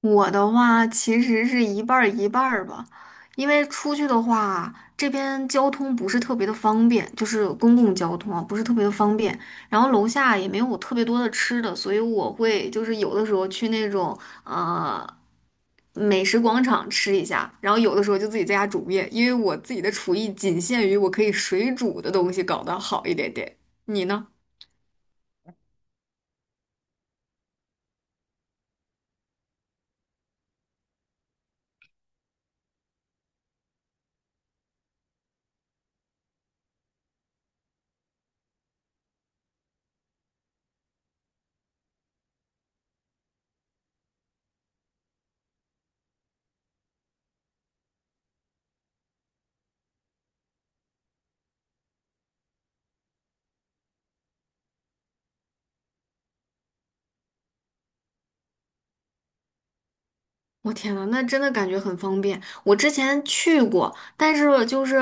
我的话其实是一半儿一半儿吧，因为出去的话，这边交通不是特别的方便，就是公共交通啊，不是特别的方便。然后楼下也没有特别多的吃的，所以我会就是有的时候去那种呃美食广场吃一下，然后有的时候就自己在家煮面，因为我自己的厨艺仅限于我可以水煮的东西搞得好一点点。你呢？我天呐，那真的感觉很方便。我之前去过，但是就是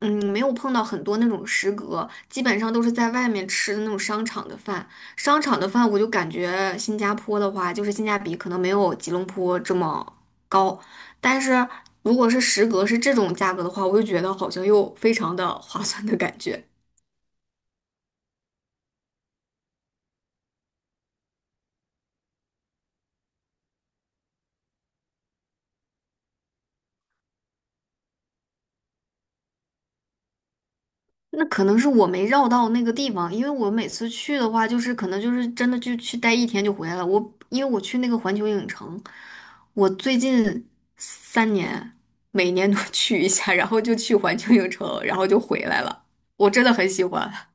没有碰到很多那种食阁，基本上都是在外面吃的那种商场的饭。商场的饭，我就感觉新加坡的话，就是性价比可能没有吉隆坡这么高。但是如果是食阁是这种价格的话，我就觉得好像又非常的划算的感觉。那可能是我没绕到那个地方，因为我每次去的话，就是可能就是真的就去待一天就回来了。因为我去那个环球影城，我最近3年每年都 去一下，然后就去环球影城，然后就回来了。我真的很喜欢。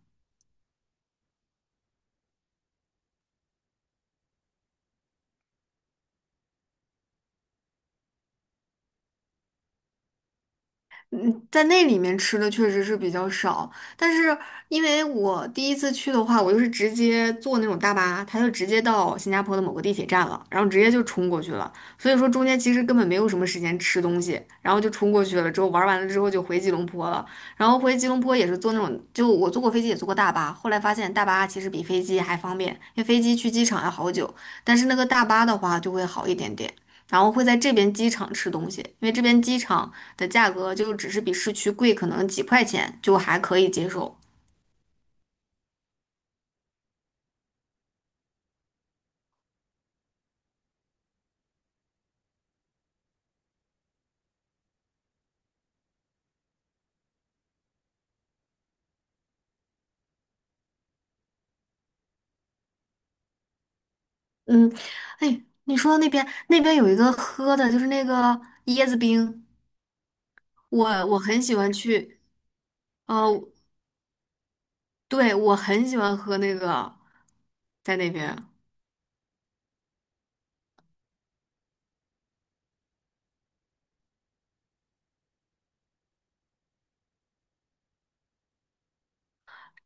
嗯，在那里面吃的确实是比较少，但是因为我第一次去的话，我就是直接坐那种大巴，它就直接到新加坡的某个地铁站了，然后直接就冲过去了，所以说中间其实根本没有什么时间吃东西，然后就冲过去了，之后玩完了之后就回吉隆坡了，然后回吉隆坡也是坐那种，就我坐过飞机也坐过大巴，后来发现大巴其实比飞机还方便，因为飞机去机场要好久，但是那个大巴的话就会好一点点。然后会在这边机场吃东西，因为这边机场。的价格就只是比市区贵可能几块钱，就还可以接受。嗯，哎，你说到那边那边有一个喝的，就是那个椰子冰，我我很喜欢去，呃，对，我很喜欢喝那个，在那边。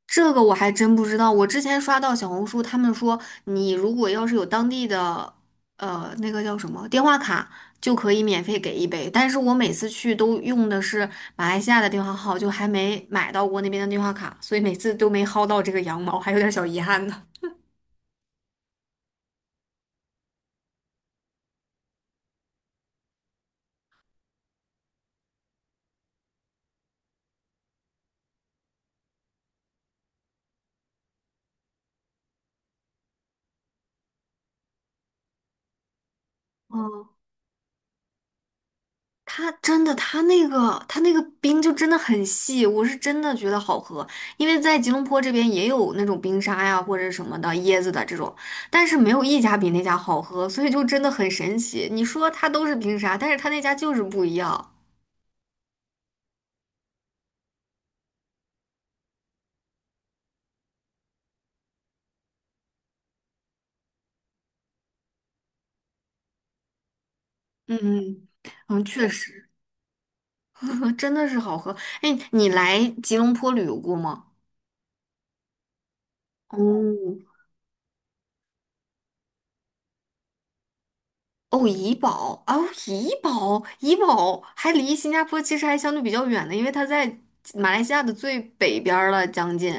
这个我还真不知道。我之前刷到小红书，他们说你如果要是有当地的，那个叫什么电话卡，就可以免费给一杯。但是我每次去都用的是马来西亚的电话号，就还没买到过那边的电话卡，所以每次都没薅到这个羊毛，还有点小遗憾呢。哦它真的，它那个冰就真的很细，我是真的觉得好喝。因为在吉隆坡这边也有那种冰沙呀，或者什么的椰子的这种，但是没有一家比那家好喝，所以就真的很神奇。你说它都是冰沙，但是它那家就是不一样，嗯嗯，嗯确实。真的是好喝。哎，你来吉隆坡旅游过吗？哦，嗯哦，怡保哦，怡保，怡保还离新加坡其实还相对比较远的，因为它在马来西亚的最北边儿了，将近。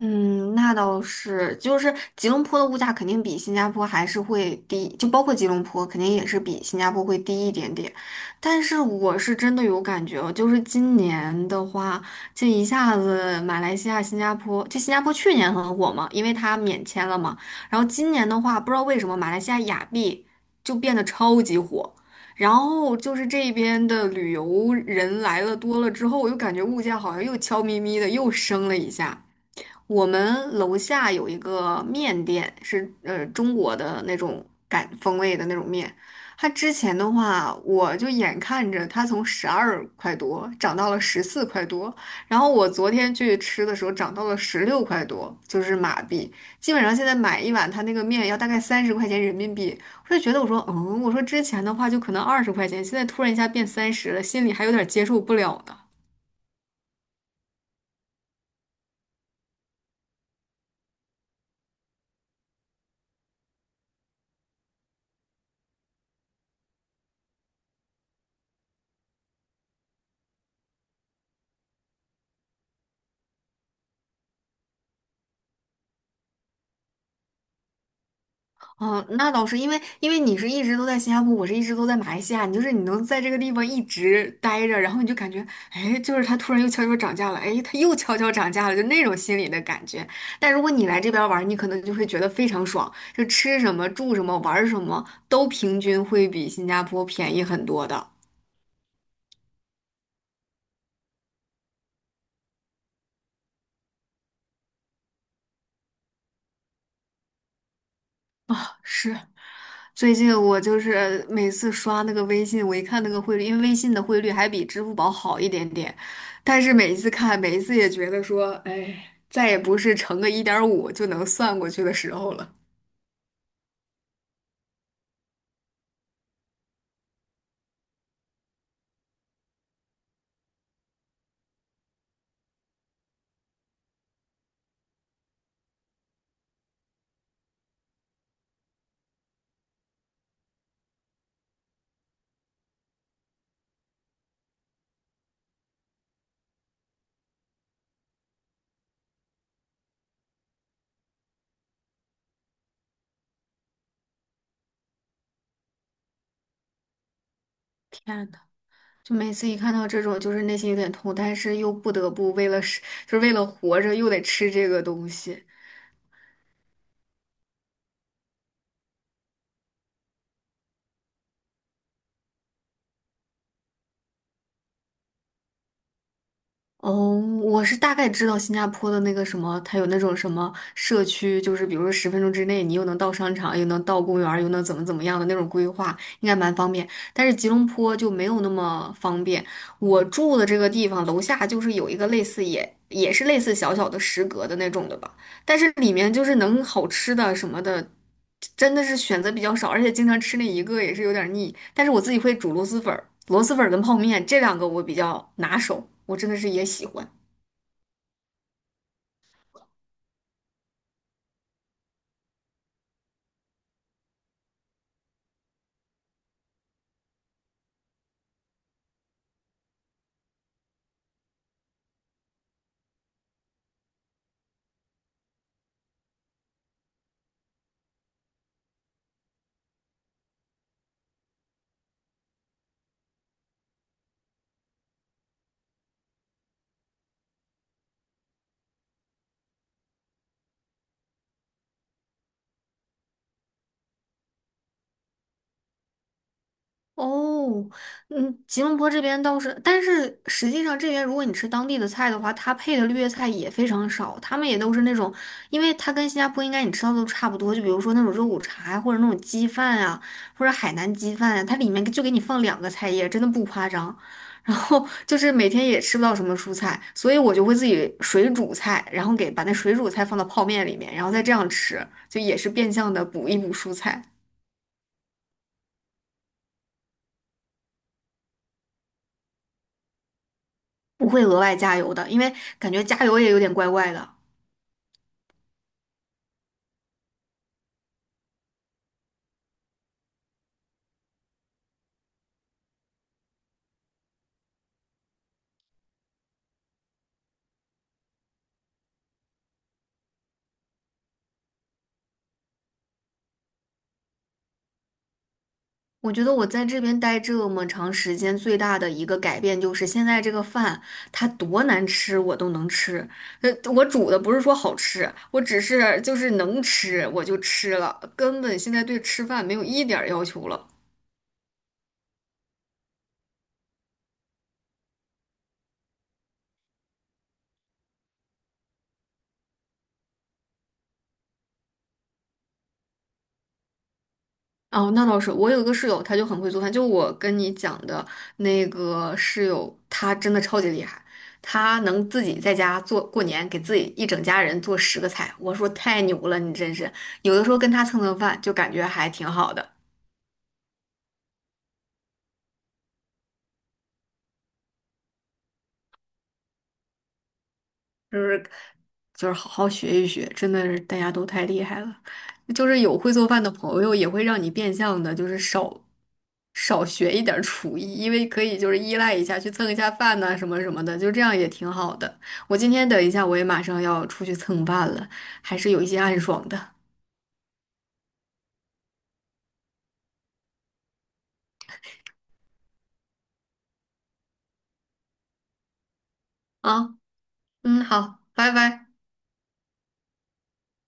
嗯，那倒是，就是吉隆坡的物价肯定比新加坡还是会低，就包括吉隆坡肯定也是比新加坡会低一点点。但是我是真的有感觉哦，就是今年的话，这一下子马来西亚、新加坡，就新加坡去年很火嘛，因为它免签了嘛。然后今年的话，不知道为什么马来西亚亚庇就变得超级火。然后就是这边的旅游人来了多了之后，我就感觉物价好像又悄咪咪的又升了一下。我们楼下有一个面店，是中国的那种感风味的那种面。它之前的话，我就眼看着它从12块多涨到了14块多，然后我昨天去吃的时候涨到了16块多，就是马币。基本上现在买一碗它那个面要大概30块钱人民币，我就觉得我说嗯，我说之前的话就可能20块钱，现在突然一下变三十了，心里还有点接受不了呢。哦，那倒是，因为因为你是一直都在新加坡，我是一直都在马来西亚，你就是你能在这个地方一直待着，然后你就感觉，哎，就是它突然又悄悄涨价了，哎，它又悄悄涨价了，就那种心理的感觉。但如果你来这边玩儿你可能就会觉得非常爽，就吃什么、住什么、玩儿什么都平均会比新加坡便宜很多的。是，最近我就是每次刷那个微信，我一看那个汇率，因为微信的汇率还比支付宝好一点点，但是每一次看，每一次也觉得说，哎，再也不是乘个1.5就能算过去的时候了。天呐，就每次一看到这种，就是内心有点痛，但是又不得不为了是，就是为了活着，又得吃这个东西。哦，我是大概知道新加坡的那个什么，它有那种什么社区，就是比如说10分钟之内，你又能到商场，又能到公园儿又能怎么怎么样的那种规划，应该蛮方便。但是吉隆坡就没有那么方便。我住的这个地方楼下就是有一个类似也是类似小小的食阁的那种的吧。但是里面就是能好吃的什么的，真的是选择比较少，而且经常吃那一个也是有点腻。但是我自己会煮螺蛳粉儿跟泡面这两个我比较拿手，我真的是也喜欢。哦，嗯，吉隆坡这边倒是，但是实际上这边如果你吃当地的菜的话，它配的绿叶菜也非常少，他们也都是那种，因为它跟新加坡应该你吃到的都差不多，就比如说那种肉骨茶呀，或者那种鸡饭呀，或者海南鸡饭呀，它里面就给你放两个菜叶，真的不夸张。然后就是每天也吃不到什么蔬菜，所以我就会自己水煮菜，然后给把那水煮菜放到泡面里面，然后再这样吃，就也是变相的补一补蔬菜。不会额外加油的，因为感觉加油也有点怪怪的。我觉得我在这边待这么长时间，最大的一个改变就是现在这个饭它多难吃我都能吃。呃，我煮的不是说好吃，我只是就是能吃我就吃了，根本现在对吃饭没有一点儿要求了。哦，那倒是。我有一个室友，他就很会做饭，就我跟你讲的那个室友，他真的超级厉害，他能自己在家做，过年给自己一整家人做10个菜。我说太牛了，你真是有的时候跟他蹭蹭饭，就感觉还挺好的。就是就是好好学一学，真的是大家都太厉害了。就是有会做饭的朋友，也会让你变相的，就是少学一点儿厨艺，因为可以就是依赖一下，去蹭一下饭呐、什么什么的，就这样也挺好的。我今天等一下，我也马上要出去蹭饭了，还是有一些暗爽的啊。嗯，好，拜拜。